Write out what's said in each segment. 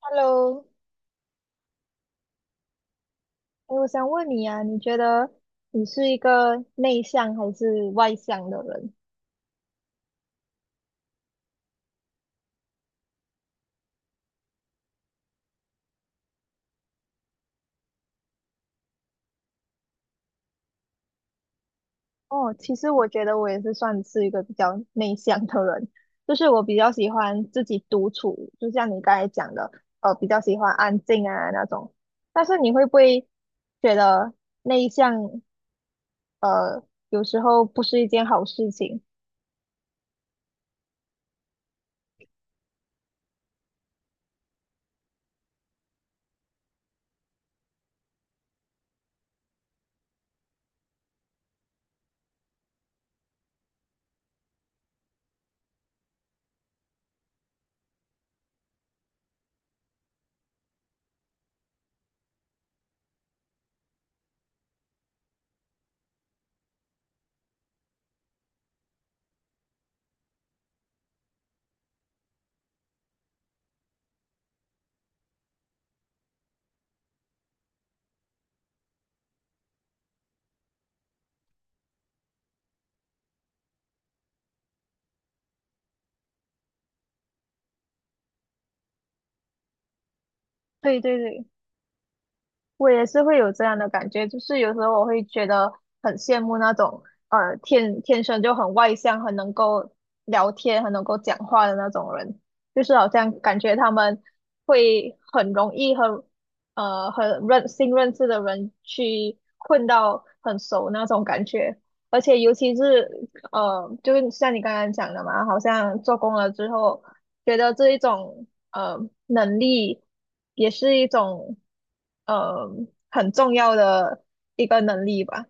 Hello，诶我想问你啊，你觉得你是一个内向还是外向的人？哦，其实我觉得我也是算是一个比较内向的人，就是我比较喜欢自己独处，就像你刚才讲的，比较喜欢安静啊那种。但是你会不会觉得内向，呃，有时候不是一件好事情？对对对。我也是会有这样的感觉，就是有时候我会觉得很羡慕那种天天生就很外向、很能够聊天、很能够讲话的那种人，就是好像感觉他们会很容易和很新认识的人去混到很熟那种感觉，而且尤其是就是像你刚刚讲的嘛，好像做工了之后，觉得这一种呃能力也是一种。呃很重要的一个能力吧。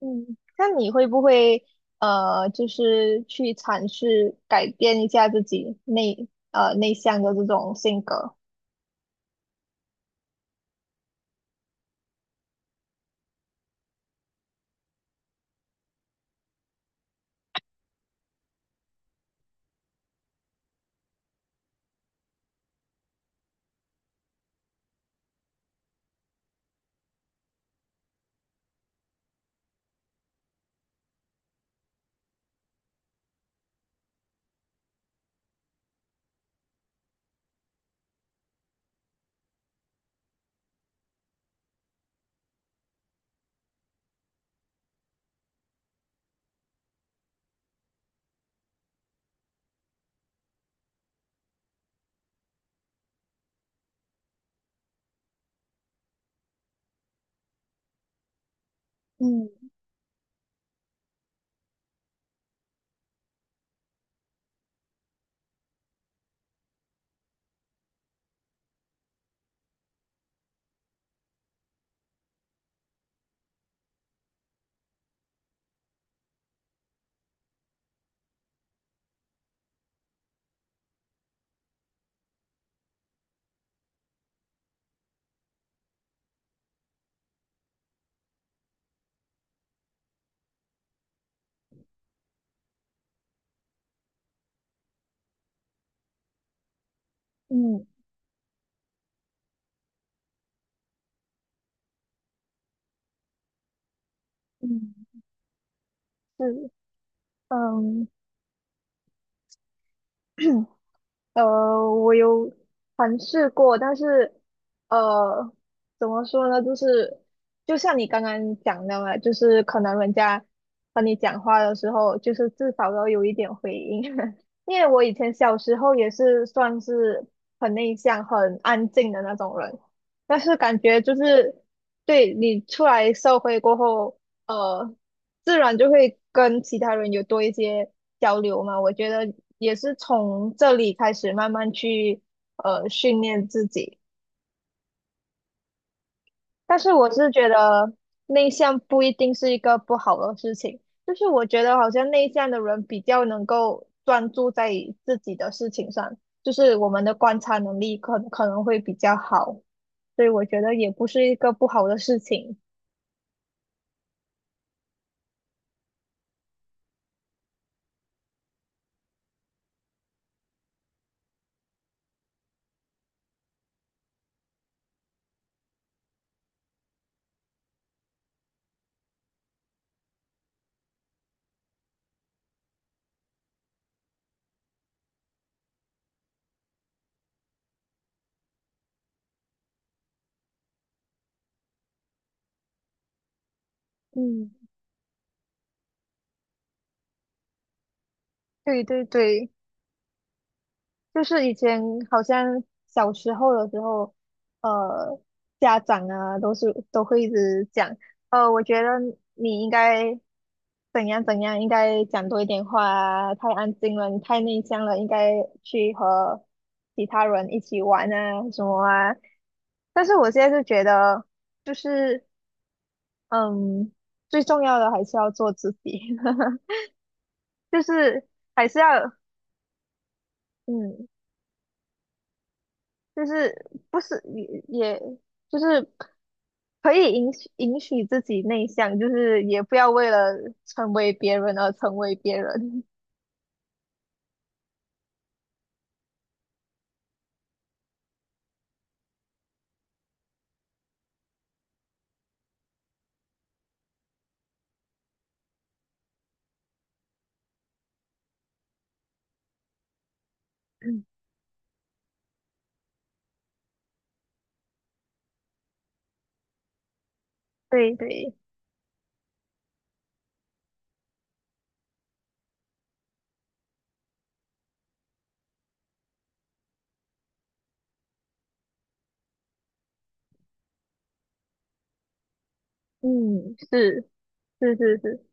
嗯，那你会不会就是去尝试改变一下自己内向的这种性格？嗯嗯嗯，是，嗯。我有尝试过，但是，呃，怎么说呢？就是，就像你刚刚讲的嘛，就是可能人家和你讲话的时候，就是至少要有一点回应。因为我以前小时候也是算是很内向、很安静的那种人，但是感觉就是对你出来社会过后，呃，自然就会跟其他人有多一些交流嘛。我觉得也是从这里开始慢慢去训练自己。但是我是觉得内向不一定是一个不好的事情，就是我觉得好像内向的人比较能够专注在自己的事情上，就是我们的观察能力可能会比较好，所以我觉得也不是一个不好的事情。嗯，对对对。就是以前好像小时候的时候，呃，家长啊都会一直讲，我觉得你应该怎样怎样，应该讲多一点话啊，太安静了，你太内向了，应该去和其他人一起玩啊什么啊。但是我现在就觉得，就是嗯，最重要的还是要做自己，就是还是要嗯就是不是也就是可以允许自己内向，就是也不要为了成为别人而成为别人。对对，嗯，是，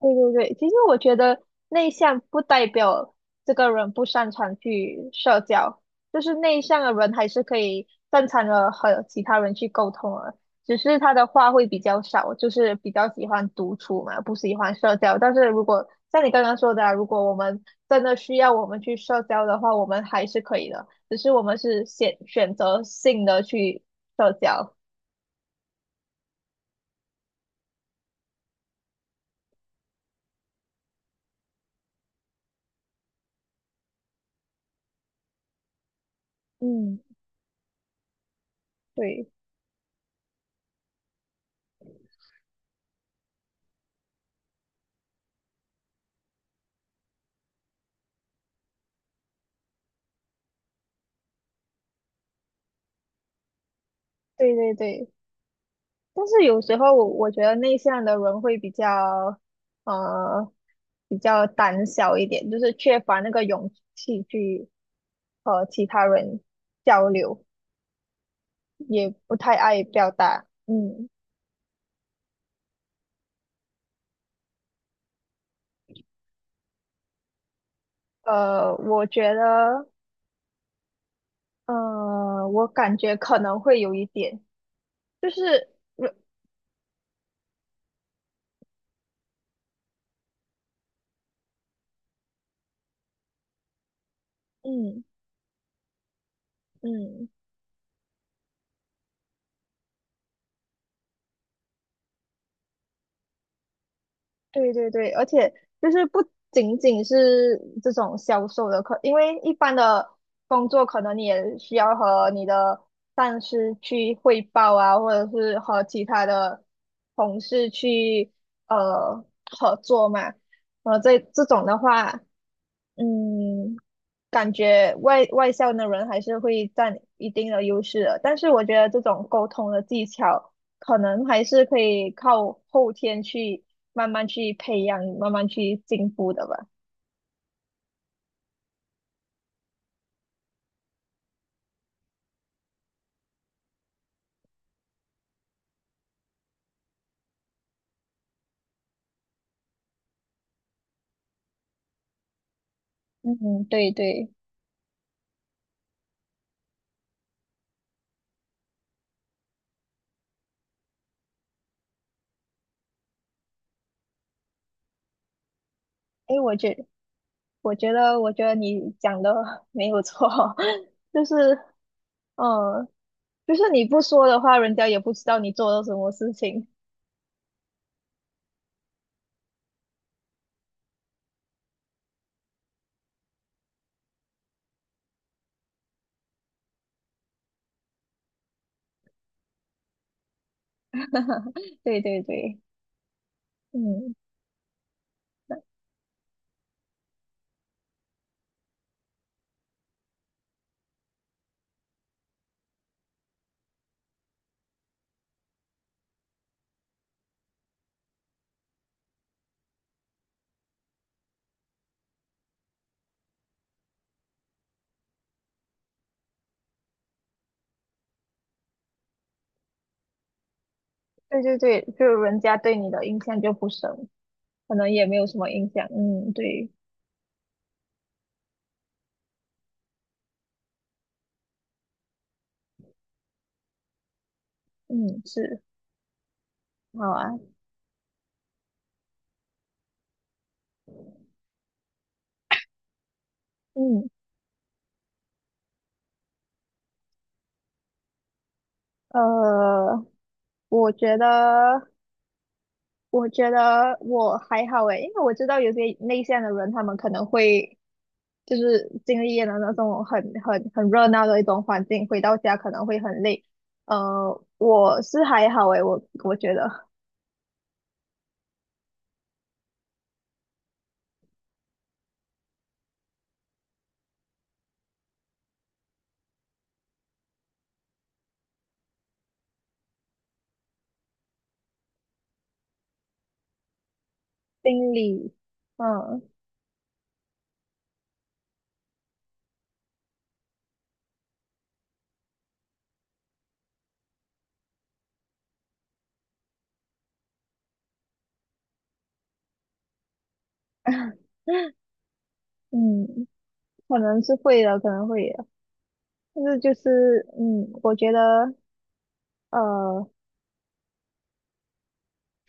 对，其实我觉得内向不代表这个人不擅长去社交，就是内向的人还是可以正常的和其他人去沟通的，只是他的话会比较少，就是比较喜欢独处嘛，不喜欢社交。但是如果像你刚刚说的啊，如果我们真的需要我们去社交的话，我们还是可以的，只是我们是选择性的去社交。嗯，对对对对。但是有时候我觉得内向的人会比较，呃，比较胆小一点，就是缺乏那个勇气去和其他人交流，也不太爱表达。嗯，我觉得，我感觉可能会有一点，就是，嗯嗯。嗯对对对，而且就是不仅仅是这种销售的课，因为一般的工作可能你也需要和你的上司去汇报啊，或者是和其他的同事去呃合作嘛。这这种的话，嗯，感觉外向的人还是会占一定的优势的，但是我觉得这种沟通的技巧，可能还是可以靠后天去慢慢去培养，慢慢去进步的吧。嗯，对对，诶，我觉得你讲的 没有错，就是嗯，就是你不说的话，人家也不知道你做了什么事情。对对对，嗯，对对对，就人家对你的印象就不深。可能也没有什么影响，嗯，对，嗯，是，好啊，嗯，呃，我觉得，我觉得我还好诶，因为我知道有些内向的人，他们可能会就是经历了那种很热闹的一种环境，回到家可能会很累。我是还好诶，我觉得心理，嗯 嗯，可能是会的，可能会的，但是就是，嗯，我觉得。呃，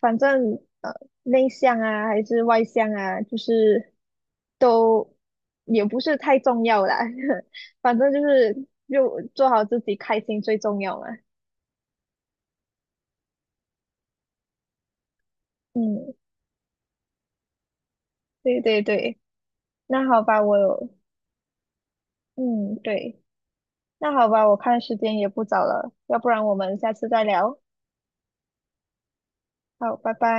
反正内向啊还是外向啊，就是都也不是太重要啦。反正就是就做好自己，开心最重要嘛。嗯，对对对，那好吧，我有，嗯，对，那好吧，我看时间也不早了，要不然我们下次再聊。好，拜拜。